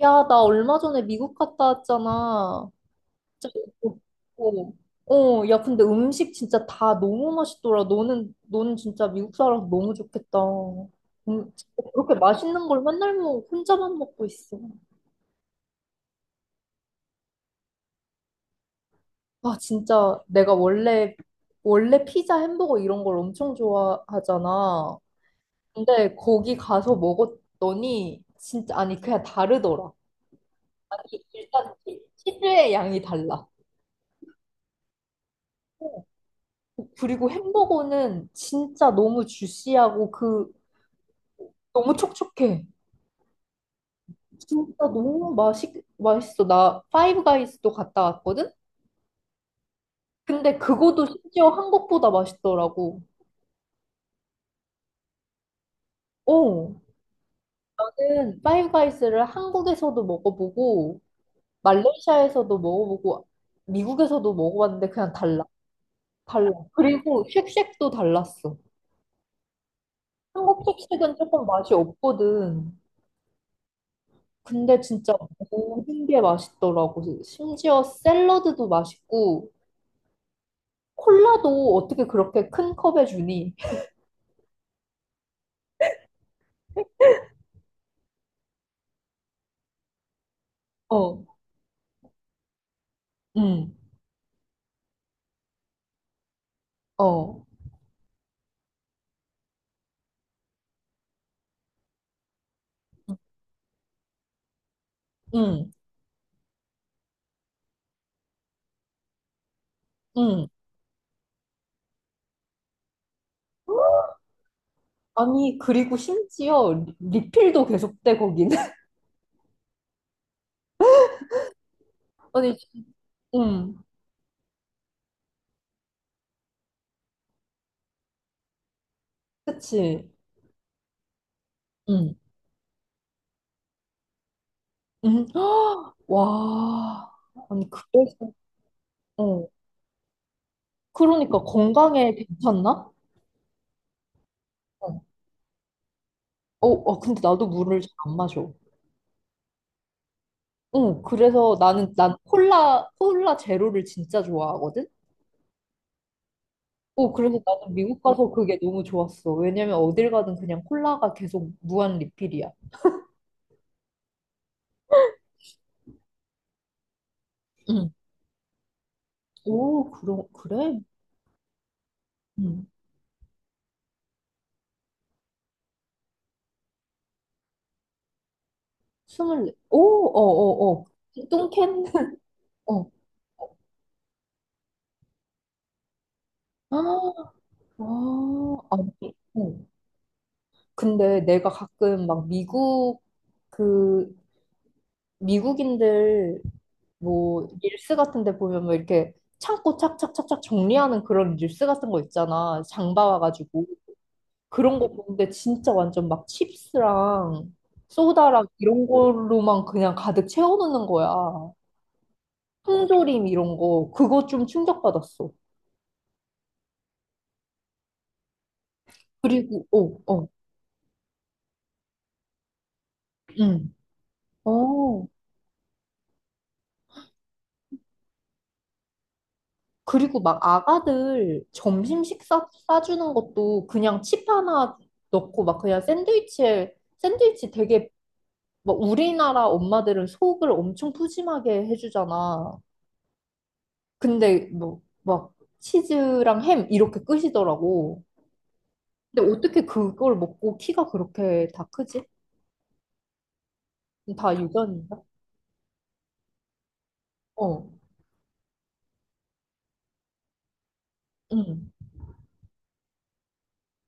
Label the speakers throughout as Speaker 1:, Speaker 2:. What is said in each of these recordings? Speaker 1: 야, 나 얼마 전에 미국 갔다 왔잖아. 진짜, 어, 야, 근데 음식 진짜 다 너무 맛있더라. 너는 진짜 미국 살아서 너무 좋겠다. 진짜 그렇게 맛있는 걸 맨날 혼자만 먹고 있어. 아, 진짜 내가 원래 피자, 햄버거 이런 걸 엄청 좋아하잖아. 근데 거기 가서 먹었더니, 진짜, 아니, 그냥 다르더라. 아니, 일단 치즈의 양이 달라. 그리고 햄버거는 진짜 너무 주시하고 너무 촉촉해. 진짜 너무 맛있어. 나 파이브 가이즈도 갔다 왔거든. 근데 그거도 심지어 한국보다 맛있더라고. 어. 나는 파이브 가이즈를 한국에서도 먹어보고 말레이시아에서도 먹어보고 미국에서도 먹어봤는데 그냥 달라. 달라. 그리고 쉑쉑도 달랐어. 한국 쉑쉑은 조금 맛이 없거든. 근데 진짜 모든 게 맛있더라고. 심지어 샐러드도 맛있고, 콜라도 어떻게 그렇게 큰 컵에 주니? 어, 응, 어, 응, 응. 아니, 그리고 심지어 리필도 계속돼, 거기는. 아니, 응, 그치. 응, 응. 와, 아니, 그래서, 어. 그러니까 건강에 괜찮나? 어, 어, 어, 근데 나도 물을 잘 안 마셔. 응, 그래서 난 콜라 제로를 진짜 좋아하거든? 어, 그래서 나는 미국 가서 그게 너무 좋았어. 왜냐면 어딜 가든 그냥 콜라가 계속 무한 리필이야. 응. 오, 그래? 응. 스물네. 오, 어, 어, 어. 뚱캔? 어. 아, 아. 아니, 어. 근데 내가 가끔 막 그, 미국인들 뭐 릴스 같은 데 보면 뭐 이렇게 창고 착착착착 정리하는 그런 릴스 같은 거 있잖아. 장 봐와가지고. 그런 거 보는데 진짜 완전 막 칩스랑 소다랑 이런 걸로만 그냥 가득 채워놓는 거야. 통조림 이런 거. 그거 좀 충격받았어. 그리고, 어, 어, 응. 어. 그리고 막 아가들 점심 식사 싸주는 것도 그냥 칩 하나 넣고 막 그냥 샌드위치 되게 뭐 우리나라 엄마들은 속을 엄청 푸짐하게 해주잖아. 근데 뭐 막 치즈랑 햄 이렇게 끝이더라고. 근데 어떻게 그걸 먹고 키가 그렇게 다 크지? 다 유전인가? 어, 응,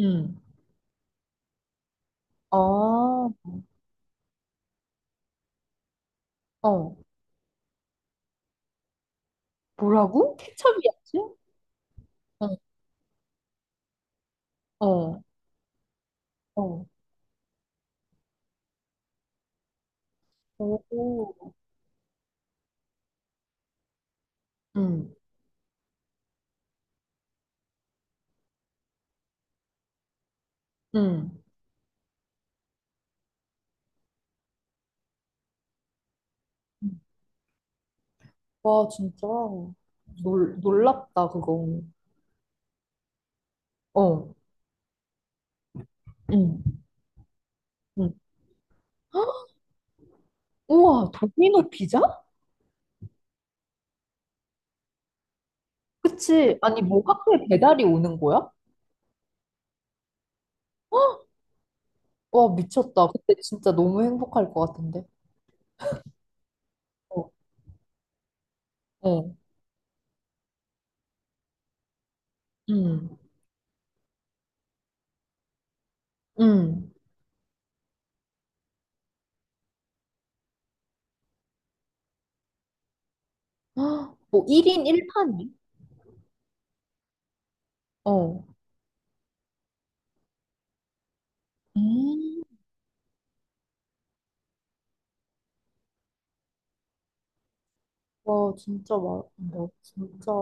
Speaker 1: 응. 아, 어, 뭐라고? 케첩이었지? 어, 어, 어. 오, 응, 응. 와, 진짜 놀랍다, 그거. 어, 응, 응. 우와, 도미노 피자? 그치. 아니, 뭐 학교에 배달이 오는 거야? 와, 미쳤다. 그때 진짜 너무 행복할 것 같은데. 어, 어, 음, 음. 헉, 뭐 1인 1판이? 어. 음. 와, 진짜 막, 나 진짜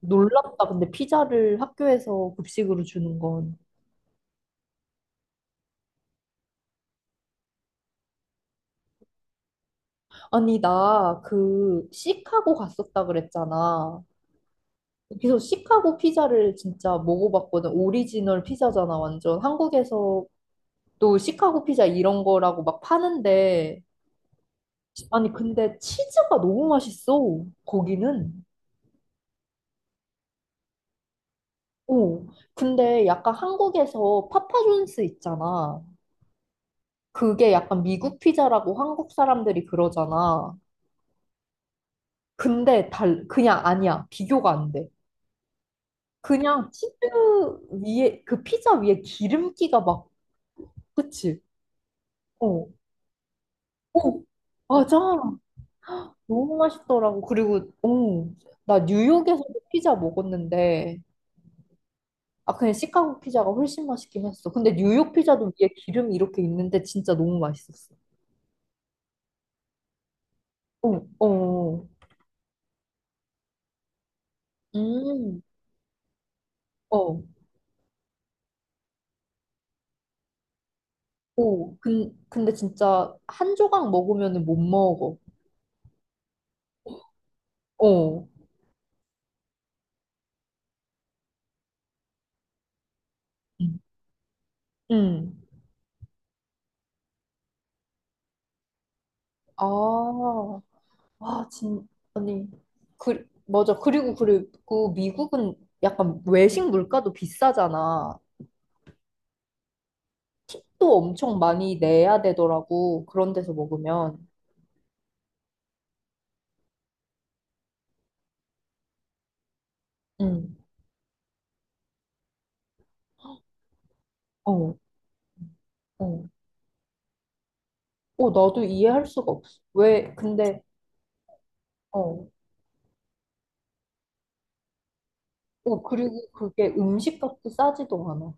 Speaker 1: 놀랍다. 근데 피자를 학교에서 급식으로 주는 건. 아니, 나 그 시카고 갔었다 그랬잖아. 그래서 시카고 피자를 진짜 먹어봤거든. 오리지널 피자잖아, 완전. 한국에서 또 시카고 피자 이런 거라고 막 파는데 아니 근데 치즈가 너무 맛있어 거기는. 오, 근데 약간 한국에서 파파존스 있잖아. 그게 약간 미국 피자라고 한국 사람들이 그러잖아. 근데 달 그냥 아니야, 비교가 안 돼. 그냥 치즈 위에 그 피자 위에 기름기가 막 그치. 어, 오, 맞아. 너무 맛있더라고. 그리고 오, 나 뉴욕에서도 피자 먹었는데. 아, 그냥 시카고 피자가 훨씬 맛있긴 했어. 근데 뉴욕 피자도 위에 기름이 이렇게 있는데 진짜 너무 맛있었어. 어, 어, 음, 어, 오, 근데 진짜 한 조각 먹으면 못 먹어. 어, 음, 음. 아, 와, 아니, 맞아. 그리고 미국은 약간 외식 물가도 비싸잖아. 또 엄청 많이 내야 되더라고. 그런 데서 먹으면. 응, 어, 어. 어, 나도 이해할 수가 없어. 왜, 근데, 어, 그리고 그게 음식값도 싸지도 않아.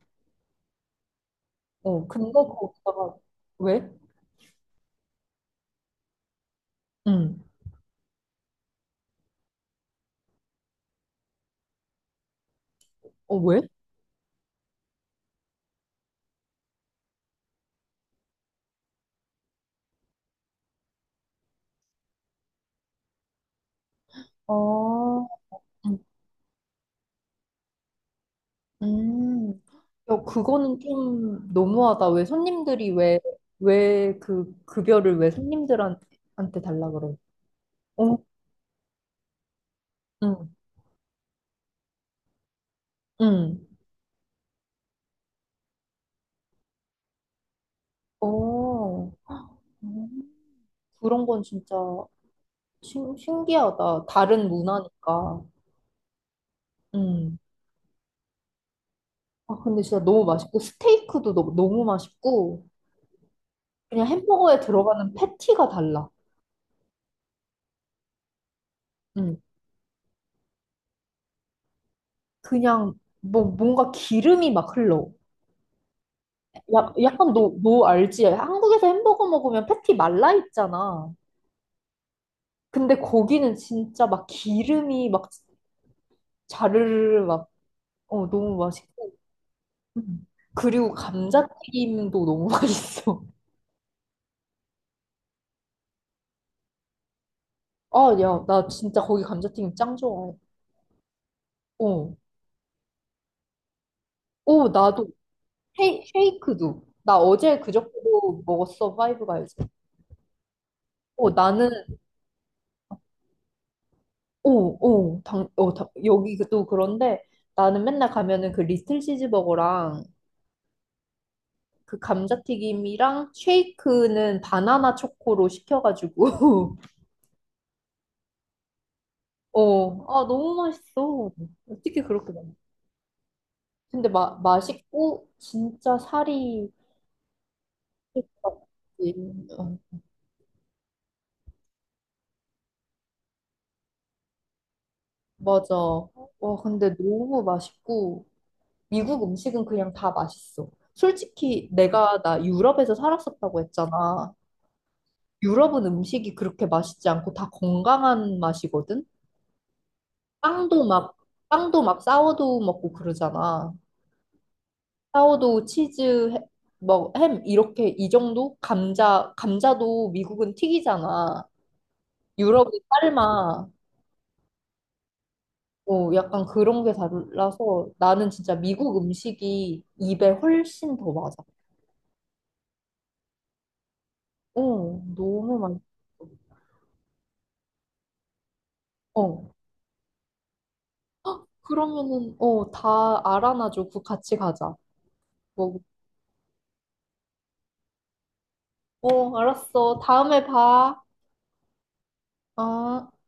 Speaker 1: 어, 근데 거기다가, 왜? 응. 어, 왜? 아, 음. 야, 그거는 좀 너무하다. 왜 손님들이 왜, 왜 그 급여를 왜 손님들한테 한테 달라 그래? 어? 응, 응. 어, 음. 그런 건 진짜 신기하다. 다른 문화니까. 음. 아, 근데 진짜 너무 맛있고, 스테이크도 너무, 너무 맛있고, 그냥 햄버거에 들어가는 패티가 달라. 응. 그냥, 뭔가 기름이 막 흘러. 야, 약간 너 알지? 한국에서 햄버거 먹으면 패티 말라 있잖아. 근데 거기는 진짜 막 기름이 막 자르르 막, 어, 너무 맛있고. 응. 그리고 감자튀김도 너무 맛있어. 아, 야, 나 진짜 거기 감자튀김 짱 좋아해. 어. 오, 나도 헤이, 쉐이크도. 나 어제 그저께도 먹었어, 파이브가이즈. 어, 나는, 오, 오, 여기도 그런데 나는 맨날 가면은 그 리틀 치즈버거랑 그 감자튀김이랑 쉐이크는 바나나 초코로 시켜가지고, 어, 아, 너무 맛있어. 어떻게 그렇게 먹어? 근데 맛있고, 진짜 살이 없지. 어, 맞아. 와, 근데 너무 맛있고, 미국 음식은 그냥 다 맛있어. 솔직히 내가 나 유럽에서 살았었다고 했잖아. 유럽은 음식이 그렇게 맛있지 않고 다 건강한 맛이거든. 빵도 막 빵도 막 사워도우 먹고 그러잖아. 사워도우 치즈 뭐 햄 이렇게 이 정도? 감자도 미국은 튀기잖아. 유럽은 삶아. 어, 약간 그런 게 달라서 나는 진짜 미국 음식이 입에 훨씬 더 맞아. 어, 너무 맛있어. 그러면은, 다 알아놔줘. 그 같이 가자. 뭐, 알았어. 다음에 봐. 어.